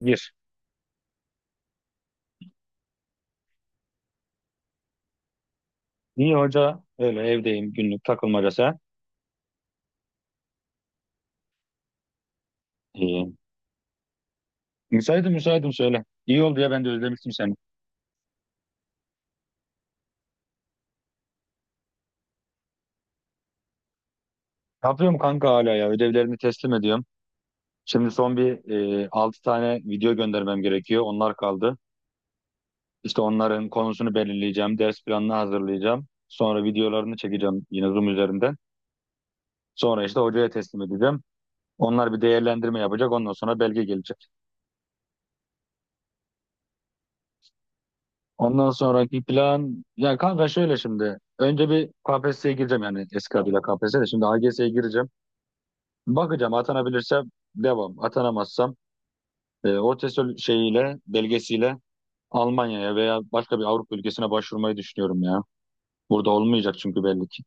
Gir. İyi hoca. Öyle evdeyim günlük takılmaca sen. İyi. Müsaitim müsaitim söyle. İyi oldu ya ben de özlemiştim seni. Ne yapıyorum kanka hala ya ödevlerini teslim ediyorum. Şimdi son bir 6 tane video göndermem gerekiyor. Onlar kaldı. İşte onların konusunu belirleyeceğim. Ders planını hazırlayacağım. Sonra videolarını çekeceğim yine Zoom üzerinden. Sonra işte hocaya teslim edeceğim. Onlar bir değerlendirme yapacak. Ondan sonra belge gelecek. Ondan sonraki plan ya kanka şöyle şimdi. Önce bir KPSS'ye gireceğim, yani eski adıyla KPSS, de şimdi AGS'ye gireceğim. Bakacağım, atanabilirsem devam. Atanamazsam o TESOL şeyiyle, belgesiyle Almanya'ya veya başka bir Avrupa ülkesine başvurmayı düşünüyorum ya. Burada olmayacak çünkü belli ki.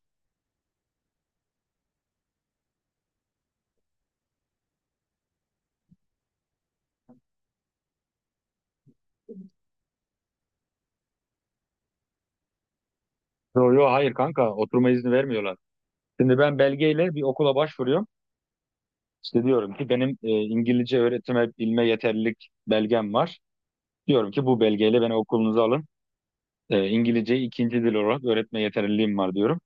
Yo yo, hayır kanka, oturma izni vermiyorlar. Şimdi ben belgeyle bir okula başvuruyorum. İşte diyorum ki benim İngilizce öğretime bilme yeterlilik belgem var. Diyorum ki bu belgeyle beni okulunuza alın. İngilizceyi ikinci dil olarak öğretme yeterliliğim var diyorum.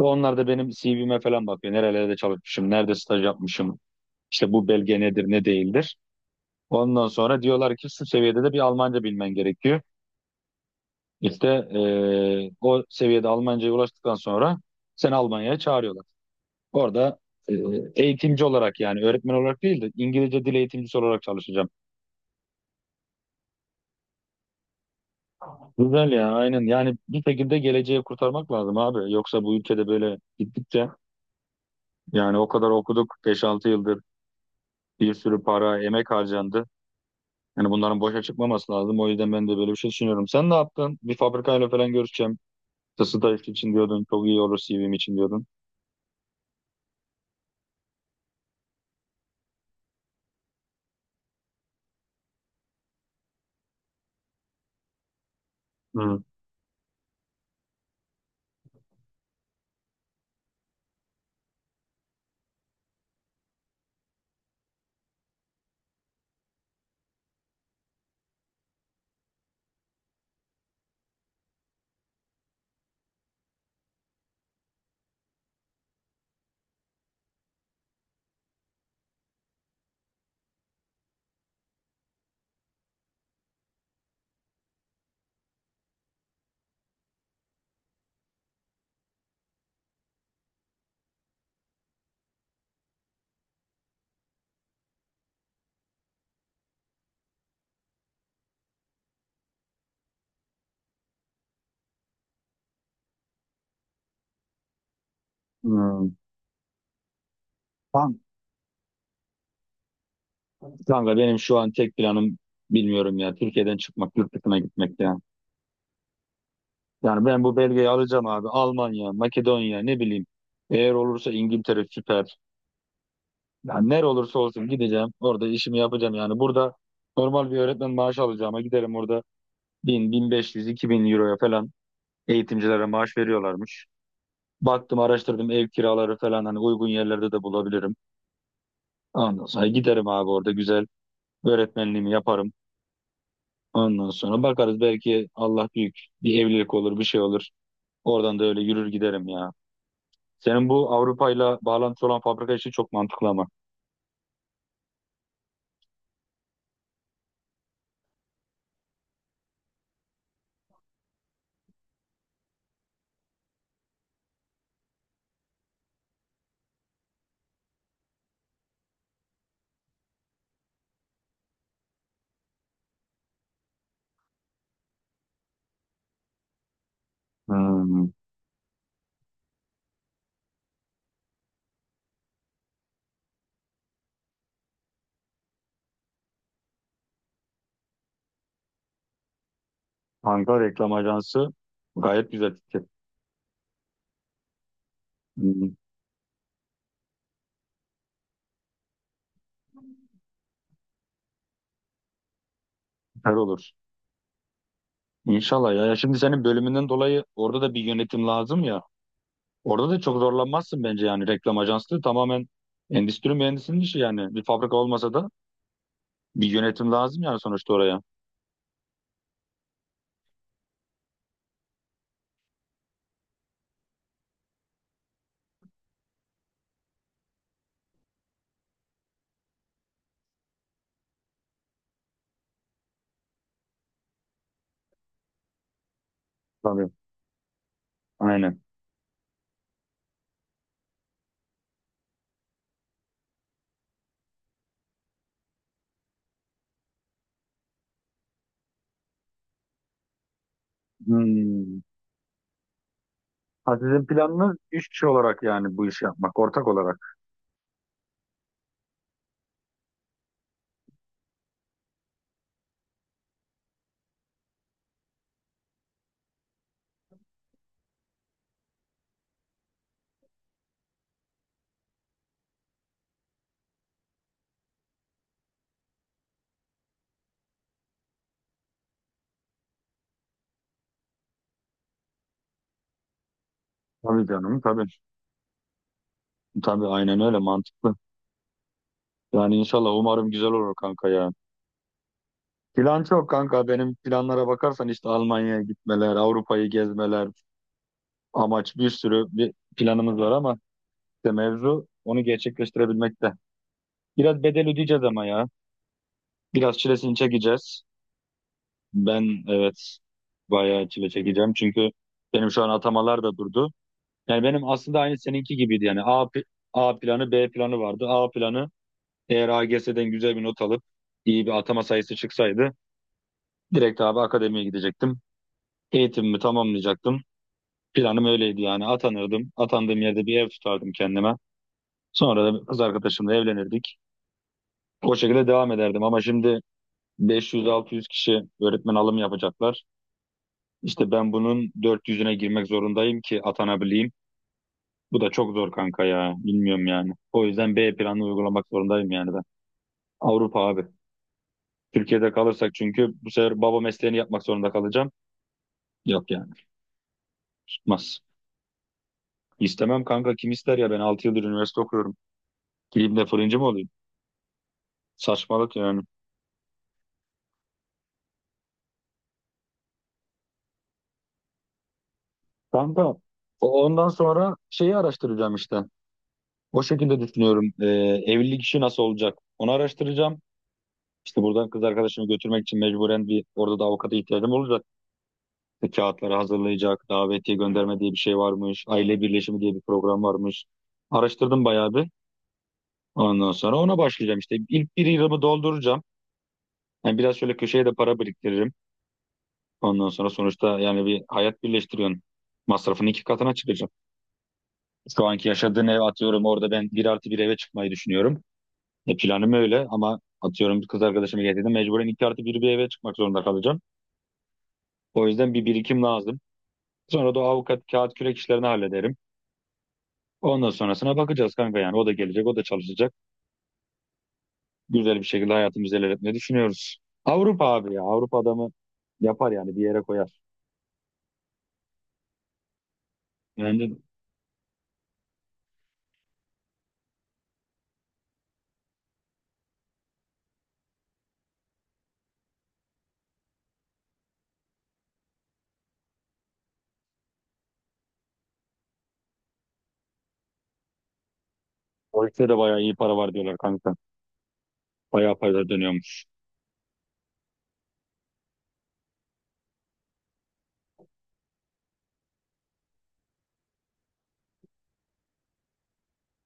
Ve onlar da benim CV'me falan bakıyor. Nerelerde çalışmışım, nerede staj yapmışım, işte bu belge nedir, ne değildir. Ondan sonra diyorlar ki şu seviyede de bir Almanca bilmen gerekiyor. İşte o seviyede Almanca'ya ulaştıktan sonra seni Almanya'ya çağırıyorlar. Orada e, eğitimci olarak, yani öğretmen olarak değil de İngilizce dil eğitimcisi olarak çalışacağım. Güzel ya, aynen. Yani bir şekilde geleceği kurtarmak lazım abi. Yoksa bu ülkede böyle gittikçe, yani o kadar okuduk, 5-6 yıldır bir sürü para, emek harcandı. Yani bunların boşa çıkmaması lazım. O yüzden ben de böyle bir şey düşünüyorum. Sen ne yaptın? Bir fabrikayla falan görüşeceğim, staj için diyordun. Çok iyi olur CV'm için diyordun. Hı. Hmm. Kan- Kanka, benim şu an tek planım, bilmiyorum ya, Türkiye'den çıkmak, yurt dışına gitmek ya. Yani ben bu belgeyi alacağım abi. Almanya, Makedonya, ne bileyim. Eğer olursa İngiltere süper. Yani nere olursa olsun gideceğim. Orada işimi yapacağım yani. Burada normal bir öğretmen maaşı alacağıma giderim orada. 1000, 2.000 euroya falan eğitimcilere maaş veriyorlarmış. Baktım, araştırdım, ev kiraları falan hani uygun yerlerde de bulabilirim. Ondan sonra giderim abi, orada güzel öğretmenliğimi yaparım. Ondan sonra bakarız, belki Allah büyük, bir evlilik olur, bir şey olur. Oradan da öyle yürür giderim ya. Senin bu Avrupa'yla bağlantısı olan fabrika işi çok mantıklı ama. Hmm. Ankara Reklam Ajansı gayet güzel fikir. Hmm, süper olur. İnşallah ya. Ya şimdi senin bölümünden dolayı orada da bir yönetim lazım ya. Orada da çok zorlanmazsın bence. Yani reklam ajanslığı tamamen endüstri mühendisinin işi yani. Bir fabrika olmasa da bir yönetim lazım yani, sonuçta oraya. Tabii. Aynen. Hmm. Ha, sizin planınız üç kişi olarak yani bu işi yapmak, ortak olarak. Tabii canım, tabii. Tabii, aynen öyle, mantıklı. Yani inşallah, umarım güzel olur kanka ya. Plan çok kanka. Benim planlara bakarsan işte Almanya'ya gitmeler, Avrupa'yı gezmeler, amaç bir sürü, bir planımız var ama işte mevzu onu gerçekleştirebilmekte. Biraz bedel ödeyeceğiz ama ya. Biraz çilesini çekeceğiz. Ben evet, bayağı çile çekeceğim. Çünkü benim şu an atamalar da durdu. Yani benim aslında aynı seninki gibiydi. Yani A planı, B planı vardı. A planı, eğer A AGS'den güzel bir not alıp iyi bir atama sayısı çıksaydı, direkt abi akademiye gidecektim. Eğitimimi tamamlayacaktım. Planım öyleydi yani. Atanırdım. Atandığım yerde bir ev tutardım kendime. Sonra da kız arkadaşımla evlenirdik. O şekilde devam ederdim ama şimdi 500-600 kişi öğretmen alımı yapacaklar. İşte ben bunun 400'üne girmek zorundayım ki atanabileyim. Bu da çok zor kanka ya. Bilmiyorum yani. O yüzden B planını uygulamak zorundayım yani ben. Avrupa abi. Türkiye'de kalırsak çünkü bu sefer baba mesleğini yapmak zorunda kalacağım. Yok yani. Tutmaz. İstemem kanka. Kim ister ya? Ben 6 yıldır üniversite okuyorum. Gireyim de fırıncı mı olayım? Saçmalık yani. Kanka, ondan sonra şeyi araştıracağım işte. O şekilde düşünüyorum. Evlilik işi nasıl olacak? Onu araştıracağım. İşte buradan kız arkadaşımı götürmek için mecburen bir orada da avukata ihtiyacım olacak. İşte kağıtları hazırlayacak, davetiye gönderme diye bir şey varmış, aile birleşimi diye bir program varmış. Araştırdım bayağı bir. Ondan sonra ona başlayacağım işte. İlk bir yılımı dolduracağım. Yani biraz şöyle köşeye de para biriktiririm. Ondan sonra sonuçta yani bir hayat birleştiriyorsun. Masrafını iki katına çıkacağım. Şu anki yaşadığın ev, atıyorum orada ben 1+1 eve çıkmayı düşünüyorum. E planım öyle, ama atıyorum kız arkadaşımı getirdim, mecburen 2+1 bir eve çıkmak zorunda kalacağım. O yüzden bir birikim lazım. Sonra da o avukat kağıt kürek işlerini hallederim. Ondan sonrasına bakacağız kanka yani. O da gelecek, o da çalışacak. Güzel bir şekilde hayatımızı ilerletmeyi düşünüyoruz. Avrupa abi ya. Avrupa adamı yapar yani, bir yere koyar. Yani o işte de bayağı iyi para var diyorlar kanka. Bayağı paralar dönüyormuş.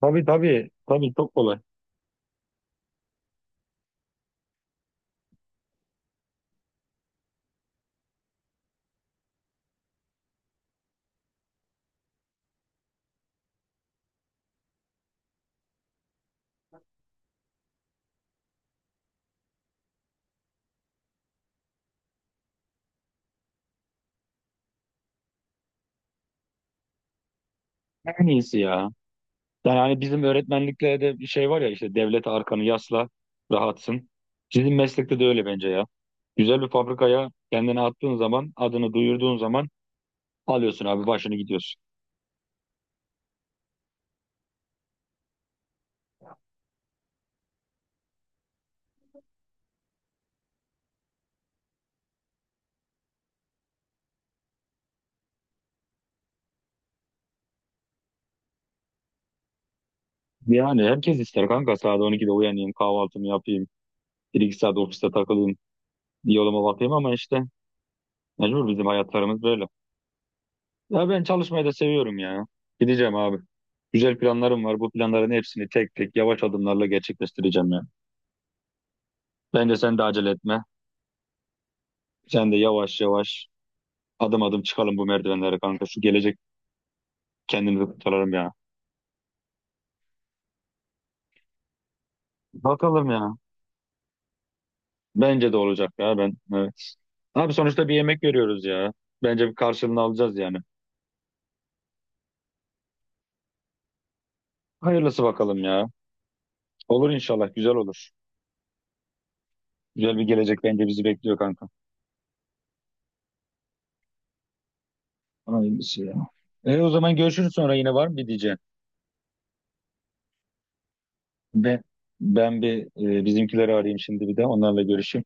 Tabii tabii. Tabii çok kolay. En iyisi ya. Yani hani bizim öğretmenlikte de bir şey var ya, işte devlete arkanı yasla, rahatsın. Sizin meslekte de öyle bence ya. Güzel bir fabrikaya kendini attığın zaman, adını duyurduğun zaman alıyorsun abi başını gidiyorsun. Yani herkes ister kanka. Saat 12'de uyanayım, kahvaltımı yapayım. Bir iki saat ofiste takılayım, bir yoluma bakayım, ama işte mecbur, bizim hayatlarımız böyle. Ya ben çalışmayı da seviyorum ya. Gideceğim abi. Güzel planlarım var. Bu planların hepsini tek tek, yavaş adımlarla gerçekleştireceğim ya. Bence sen de acele etme. Sen de yavaş yavaş, adım adım çıkalım bu merdivenlere kanka. Şu gelecek, kendimizi kurtaralım ya. Bakalım ya. Bence de olacak ya, ben. Evet. Abi sonuçta bir yemek veriyoruz ya. Bence bir karşılığını alacağız yani. Hayırlısı bakalım ya. Olur inşallah. Güzel olur. Güzel bir gelecek bence bizi bekliyor kanka. Hayırlısı ya. E, o zaman görüşürüz. Sonra yine var mı bir diyeceğim. Ve ben bir bizimkileri arayayım şimdi, bir de onlarla görüşeyim.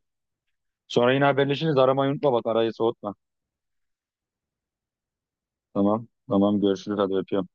Sonra yine haberleşiriz. Aramayı unutma, bak arayı soğutma. Tamam. Tamam, görüşürüz hadi, öpüyorum.